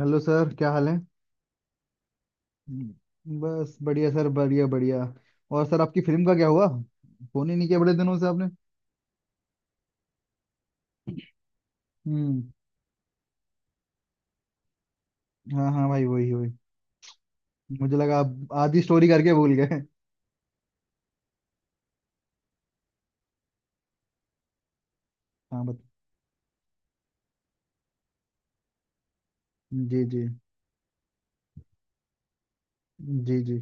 Hello sir, क्या हाल है। बस बढ़िया सर, बढ़िया बढ़िया। और सर, आपकी फिल्म का क्या हुआ। फोन ही नहीं किया बड़े दिनों से आपने। हम्म। हाँ हाँ भाई, वही वही। मुझे लगा आप आधी स्टोरी करके भूल गए। हाँ बत जी जी। जी जी।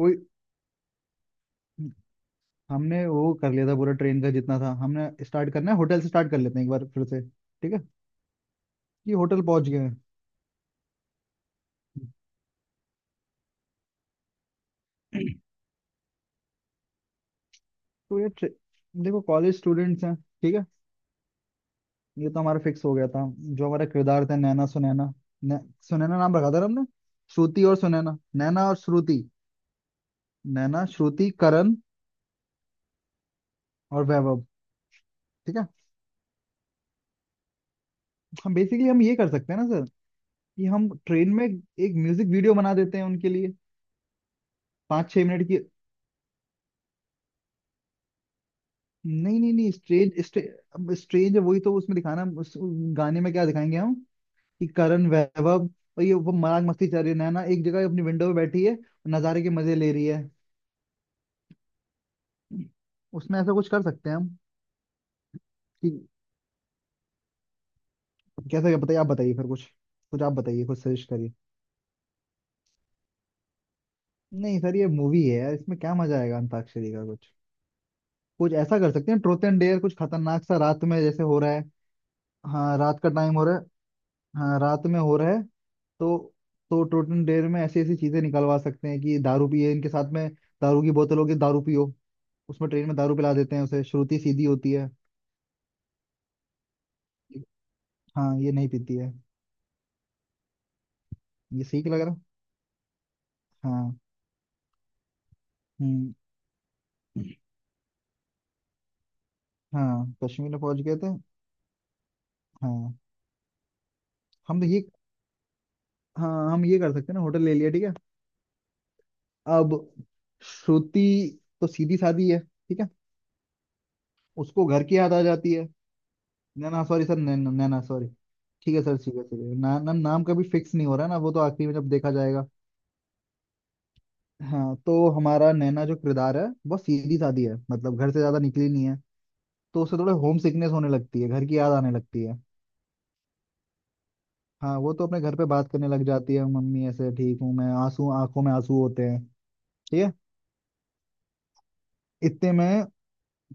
वही। हमने वो कर लिया था पूरा ट्रेन का जितना था, हमने स्टार्ट करना है होटल से, स्टार्ट कर लेते हैं एक बार फिर से, ठीक है। ये होटल पहुंच गए हैं। तो ये ट्रे- देखो कॉलेज स्टूडेंट्स हैं, ठीक है। ये तो हमारा फिक्स हो गया था, जो हमारे किरदार थे, नैना सुनैना। सुनैना नाम रखा था ना हमने। श्रुति और सुनैना, नैना और श्रुति। नैना, श्रुति, करण और वैभव। ठीक है। हम बेसिकली, हम ये कर सकते हैं ना सर, कि हम ट्रेन में एक म्यूजिक वीडियो बना देते हैं उनके लिए, 5 6 मिनट की। नहीं नहीं नहीं, स्ट्रेंज अब स्ट्रेंज है, वही तो उसमें दिखाना है। उस गाने में क्या दिखाएंगे हम, कि करण वैभव और ये वो मजाक मस्ती चल रही है, नैना एक जगह अपनी विंडो में बैठी है और नज़ारे के मजे ले रही है। उसमें ऐसा कुछ कर सकते हैं हम, कि कैसे क्या, बताइए आप बताइए फिर कुछ। कुछ आप बताइए, कुछ सजेस्ट करिए। नहीं सर, ये मूवी है यार, इसमें क्या मजा आएगा अंताक्षरी का। कुछ कुछ ऐसा कर सकते हैं, ट्रूथ एंड डेयर कुछ खतरनाक सा, रात में जैसे हो रहा है। हाँ, रात का टाइम हो रहा है। हाँ, रात में हो रहा है। तो तो ट्रूथ एंड डेयर में ऐसी ऐसी चीजें निकलवा सकते हैं कि दारू पिए इनके साथ में। दारू की बोतल होगी, दारू पियो। उसमें ट्रेन में दारू पिला देते हैं उसे, श्रुति सीधी होती है। हाँ, ये नहीं पीती है। ये सही लग रहा। हाँ। हम्म। हाँ कश्मीर में पहुंच गए थे। हाँ। हम तो ये, हाँ हम ये कर सकते हैं ना, होटल ले लिया, ठीक है। अब श्रुति तो सीधी सादी है, ठीक है। उसको घर की याद आ जाती है। Naina sorry sir, Naina Naina sorry. ठीक है सर, ठीक है, ठीक है ना, ना नाम का भी फिक्स नहीं हो रहा है ना, वो तो आखिरी में जब देखा जाएगा। हाँ, तो हमारा नैना जो किरदार है वो सीधी सादी है, मतलब घर से ज्यादा निकली नहीं है। तो उसे थोड़ा होम सिकनेस होने लगती है, घर की याद आने लगती है। हाँ, वो तो अपने घर पे बात करने लग जाती है, मम्मी ऐसे ठीक हूँ मैं, आंसू आंखों में आंसू होते हैं। ठीक है। इतने में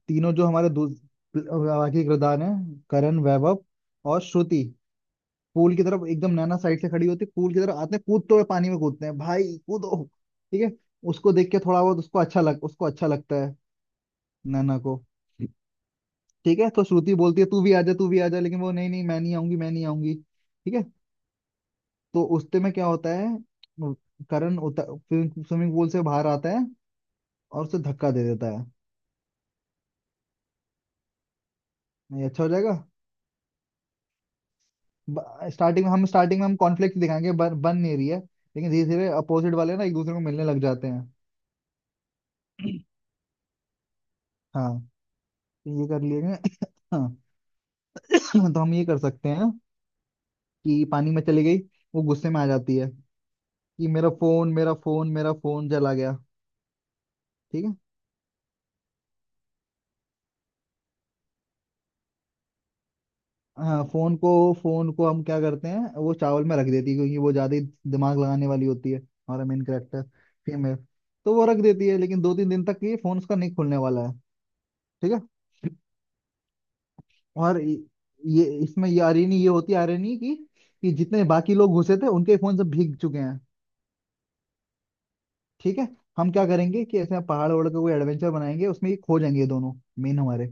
तीनों जो हमारे बाकी किरदार हैं, करण वैभव और श्रुति, पूल की तरफ एकदम, नैना साइड से खड़ी होती है, पूल की तरफ आते हैं कूदते हुए, पानी में कूदते हैं, भाई कूदो। ठीक है। उसको देख के थोड़ा बहुत उसको अच्छा लग उसको अच्छा लगता है, नैना को। ठीक है। तो श्रुति बोलती है तू भी आजा तू भी आजा, लेकिन वो नहीं नहीं मैं नहीं आऊंगी मैं नहीं आऊंगी, ठीक है। तो उस में क्या होता है, करण उतर स्विमिंग पूल से बाहर आता है और उसे धक्का दे देता है। नहीं, अच्छा हो जाएगा। स्टार्टिंग में हम कॉन्फ्लिक्ट दिखाएंगे, बन बन नहीं रही है, लेकिन धीरे धीरे अपोजिट वाले ना एक दूसरे को मिलने लग जाते हैं। हाँ, तो ये कर लिए गए। हाँ, तो हम ये कर सकते हैं कि पानी में चली गई, वो गुस्से में आ जाती है कि मेरा फोन मेरा फोन मेरा फोन जला गया। ठीक है। हाँ, फोन को हम क्या करते हैं, वो चावल में रख देती है, क्योंकि वो ज्यादा ही दिमाग लगाने वाली होती है, हमारा मेन कैरेक्टर फीमेल। तो वो रख देती है, लेकिन 2 3 दिन तक ये फोन उसका नहीं खुलने वाला है, ठीक है। और ये इसमें ये आयरनी ये होती है, आयरनी की, कि जितने बाकी लोग घुसे थे उनके फोन सब भीग चुके हैं। ठीक है। हम क्या करेंगे कि ऐसे पहाड़ वहाड़ का कोई एडवेंचर बनाएंगे, उसमें ये खो जाएंगे ये दोनों मेन हमारे।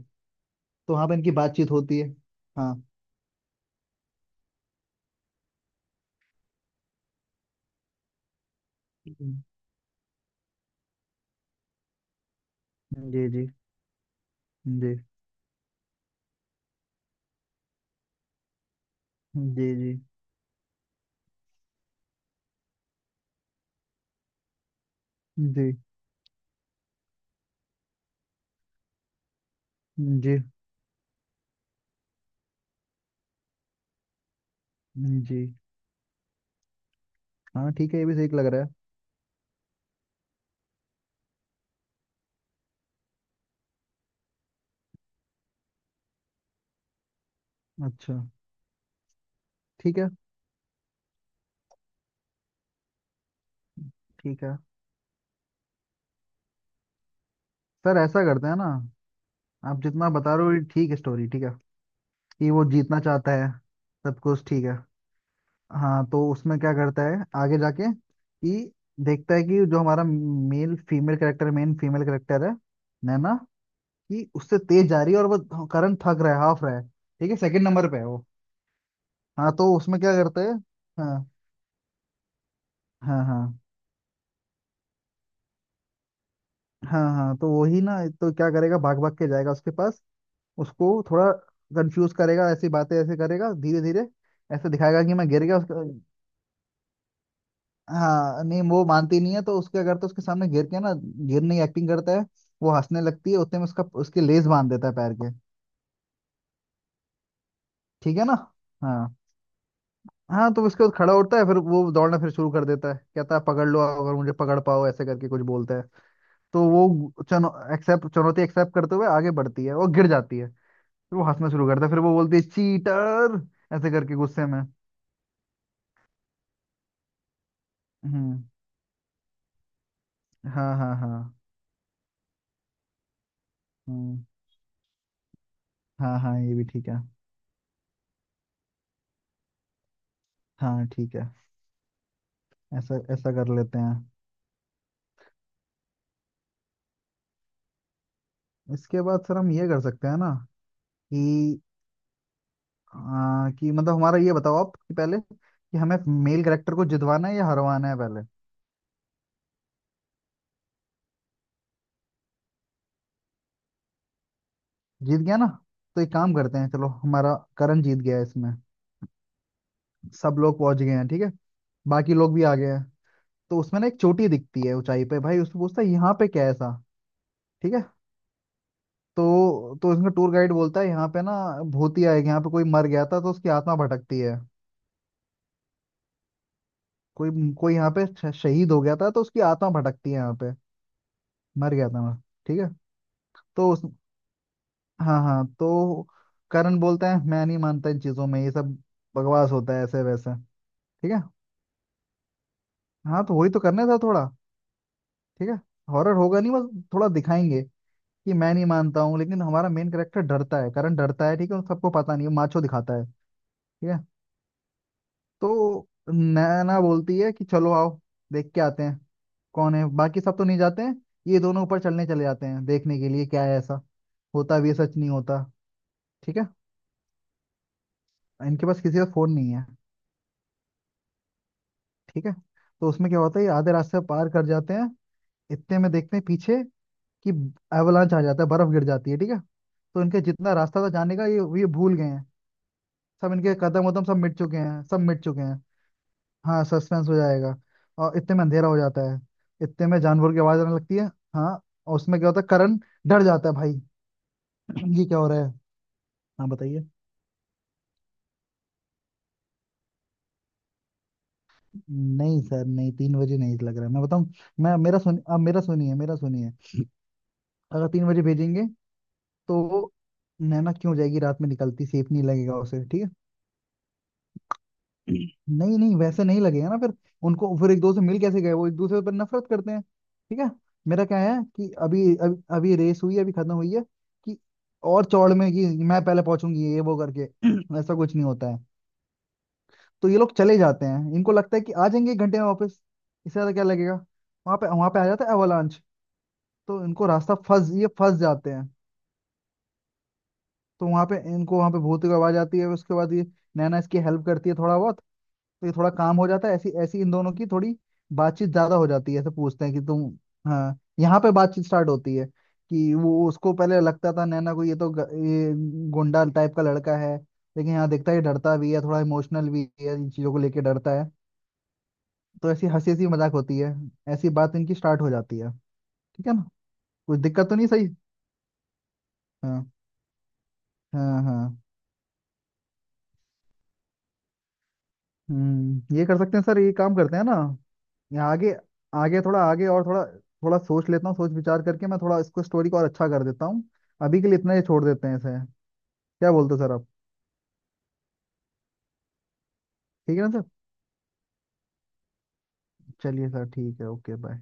तो वहां पर इनकी बातचीत होती है। हाँ। जी जी जी जी जी जी जी जी। हाँ ठीक है, ये भी सही लग रहा है। अच्छा ठीक है। ठीक है सर, ऐसा करते हैं ना। आप जितना बता रहे हो ये ठीक है, स्टोरी ठीक है, कि वो जीतना चाहता है, सब कुछ ठीक है। हाँ, तो उसमें क्या करता है, आगे जाके कि देखता है कि जो हमारा male female character main female character है, नैना, कि उससे तेज जा रही है और वो करंट थक रहा है, हाफ रहा है, ठीक है, सेकंड नंबर पे है वो। हाँ, तो उसमें क्या करता है, हाँ हाँ हाँ हाँ हाँ, तो वही ना, तो क्या करेगा, भाग भाग के जाएगा उसके पास, उसको थोड़ा कंफ्यूज करेगा, ऐसी बातें ऐसे करेगा धीरे धीरे, ऐसे दिखाएगा कि मैं गिर गया। हाँ, नहीं वो मानती नहीं है, तो उसके अगर तो उसके सामने गिर के ना, गिरने की एक्टिंग करता है, वो हंसने लगती है, उतने में उसका उसके लेस बांध देता है पैर के। ठीक है ना। हाँ हाँ। तो उसके बाद खड़ा होता है, फिर वो दौड़ना फिर शुरू कर देता है, कहता है पकड़ लो अगर मुझे पकड़ पाओ ऐसे करके कुछ बोलता है। तो वो चनो एक्सेप्ट, चुनौती एक्सेप्ट करते हुए आगे बढ़ती है, वो गिर जाती है, फिर वो हंसना शुरू करता है, फिर वो बोलती है चीटर ऐसे करके गुस्से में। हम्म। हाँ हाँ हाँ। हम्म। हाँ हाँ, ये भी ठीक है। हाँ ठीक है। ऐसा ऐसा कर लेते हैं। इसके बाद सर हम ये कर सकते हैं ना, कि कि मतलब हमारा ये बताओ आप, कि पहले कि हमें मेल कैरेक्टर को जितवाना है या हरवाना है पहले। जीत गया ना, तो एक काम करते हैं, चलो हमारा करण जीत गया है इसमें। सब लोग पहुंच गए हैं, ठीक है, बाकी लोग भी आ गए हैं। तो उसमें ना एक चोटी दिखती है ऊंचाई पे, भाई उसको पूछता है यहाँ पे क्या है ऐसा, ठीक है। तो इसमें टूर गाइड बोलता है यहाँ पे ना भूतिया है, यहाँ पे कोई मर गया था तो उसकी आत्मा भटकती है। कोई, कोई यहाँ पे शहीद हो गया था तो उसकी आत्मा भटकती है यहाँ पे, मर गया था ना, ठीक है। तो उस, हाँ हाँ, तो करण बोलता है मैं नहीं मानता इन चीजों में, ये सब बकवास होता है ऐसे वैसे। ठीक है। हाँ, तो वही तो करने था थोड़ा। ठीक है। हॉरर होगा नहीं, बस थोड़ा दिखाएंगे कि मैं नहीं मानता हूँ, लेकिन हमारा मेन कैरेक्टर डरता है, करण डरता है, ठीक है, और सबको पता नहीं है, माचो दिखाता है। ठीक है। तो नैना बोलती है कि चलो आओ देख के आते हैं कौन है, बाकी सब तो नहीं जाते हैं, ये दोनों ऊपर चलने चले जाते हैं देखने के लिए क्या है ऐसा। होता भी है, सच नहीं होता। ठीक है। इनके पास किसी का फोन नहीं है। ठीक है, तो उसमें क्या होता है, ये आधे रास्ते पार कर जाते हैं, इतने में देखते हैं पीछे कि एवलांच आ जाता है, बर्फ गिर जाती है, ठीक है। तो इनके जितना रास्ता था जाने का ये भूल गए हैं, सब इनके कदम वदम सब मिट चुके हैं, सब मिट चुके हैं। हाँ, सस्पेंस हो जाएगा। और इतने में अंधेरा हो जाता है, इतने में जानवर की आवाज आने लगती है। हाँ, और उसमें क्या होता है, करण डर जाता है भाई। ये क्या हो रहा है। हाँ बताइए। नहीं सर, नहीं 3 बजे नहीं लग रहा है, मैं बताऊं। मैं मेरा सुन अब मेरा सुनिए, मेरा सुनिए। अगर 3 बजे भेजेंगे तो नैना क्यों जाएगी, रात में निकलती सेफ नहीं लगेगा उसे, ठीक है। नहीं नहीं वैसे नहीं लगेगा ना फिर, उनको फिर एक दूसरे से मिल कैसे गए, वो एक दूसरे पर नफरत करते हैं, ठीक है। मेरा क्या है कि अभी अभी, अभी रेस हुई है, अभी खत्म हुई है, कि और चौड़ में कि मैं पहले पहुंचूंगी ये वो करके, ऐसा कुछ नहीं होता है। तो ये लोग चले जाते हैं, इनको लगता है कि आ जाएंगे एक घंटे में वापस, इससे ज्यादा क्या लगेगा। वहां पे आ जाता है एवलांच, तो इनको रास्ता फंस ये फंस जाते हैं। तो वहां पे इनको वहां पे भूत की आवाज आती है, उसके बाद ये नैना इसकी हेल्प करती है थोड़ा बहुत, तो ये थोड़ा काम हो जाता है, ऐसी ऐसी इन दोनों की थोड़ी बातचीत ज्यादा हो जाती है, ऐसे पूछते हैं कि तुम। हाँ, यहाँ पे बातचीत स्टार्ट होती है, कि वो उसको पहले लगता था नैना को ये तो ये गुंडा टाइप का लड़का है, लेकिन यहाँ देखता है ये डरता भी है थोड़ा, इमोशनल भी है, इन चीजों को लेके डरता है। तो ऐसी हंसी हंसी मजाक होती है, ऐसी बात इनकी स्टार्ट हो जाती है, ठीक है ना। कुछ दिक्कत तो नहीं, सही। हाँ हाँ हाँ। हम्म, ये कर सकते हैं सर, ये काम करते हैं ना, यहाँ आगे, आगे थोड़ा आगे, और थोड़ा थोड़ा सोच लेता हूँ, सोच विचार करके मैं थोड़ा इसको स्टोरी को और अच्छा कर देता हूँ। अभी के लिए इतना ही छोड़ देते हैं इसे। क्या बोलते हो सर आप, ठीक है ना सर। चलिए सर, ठीक है, ओके बाय।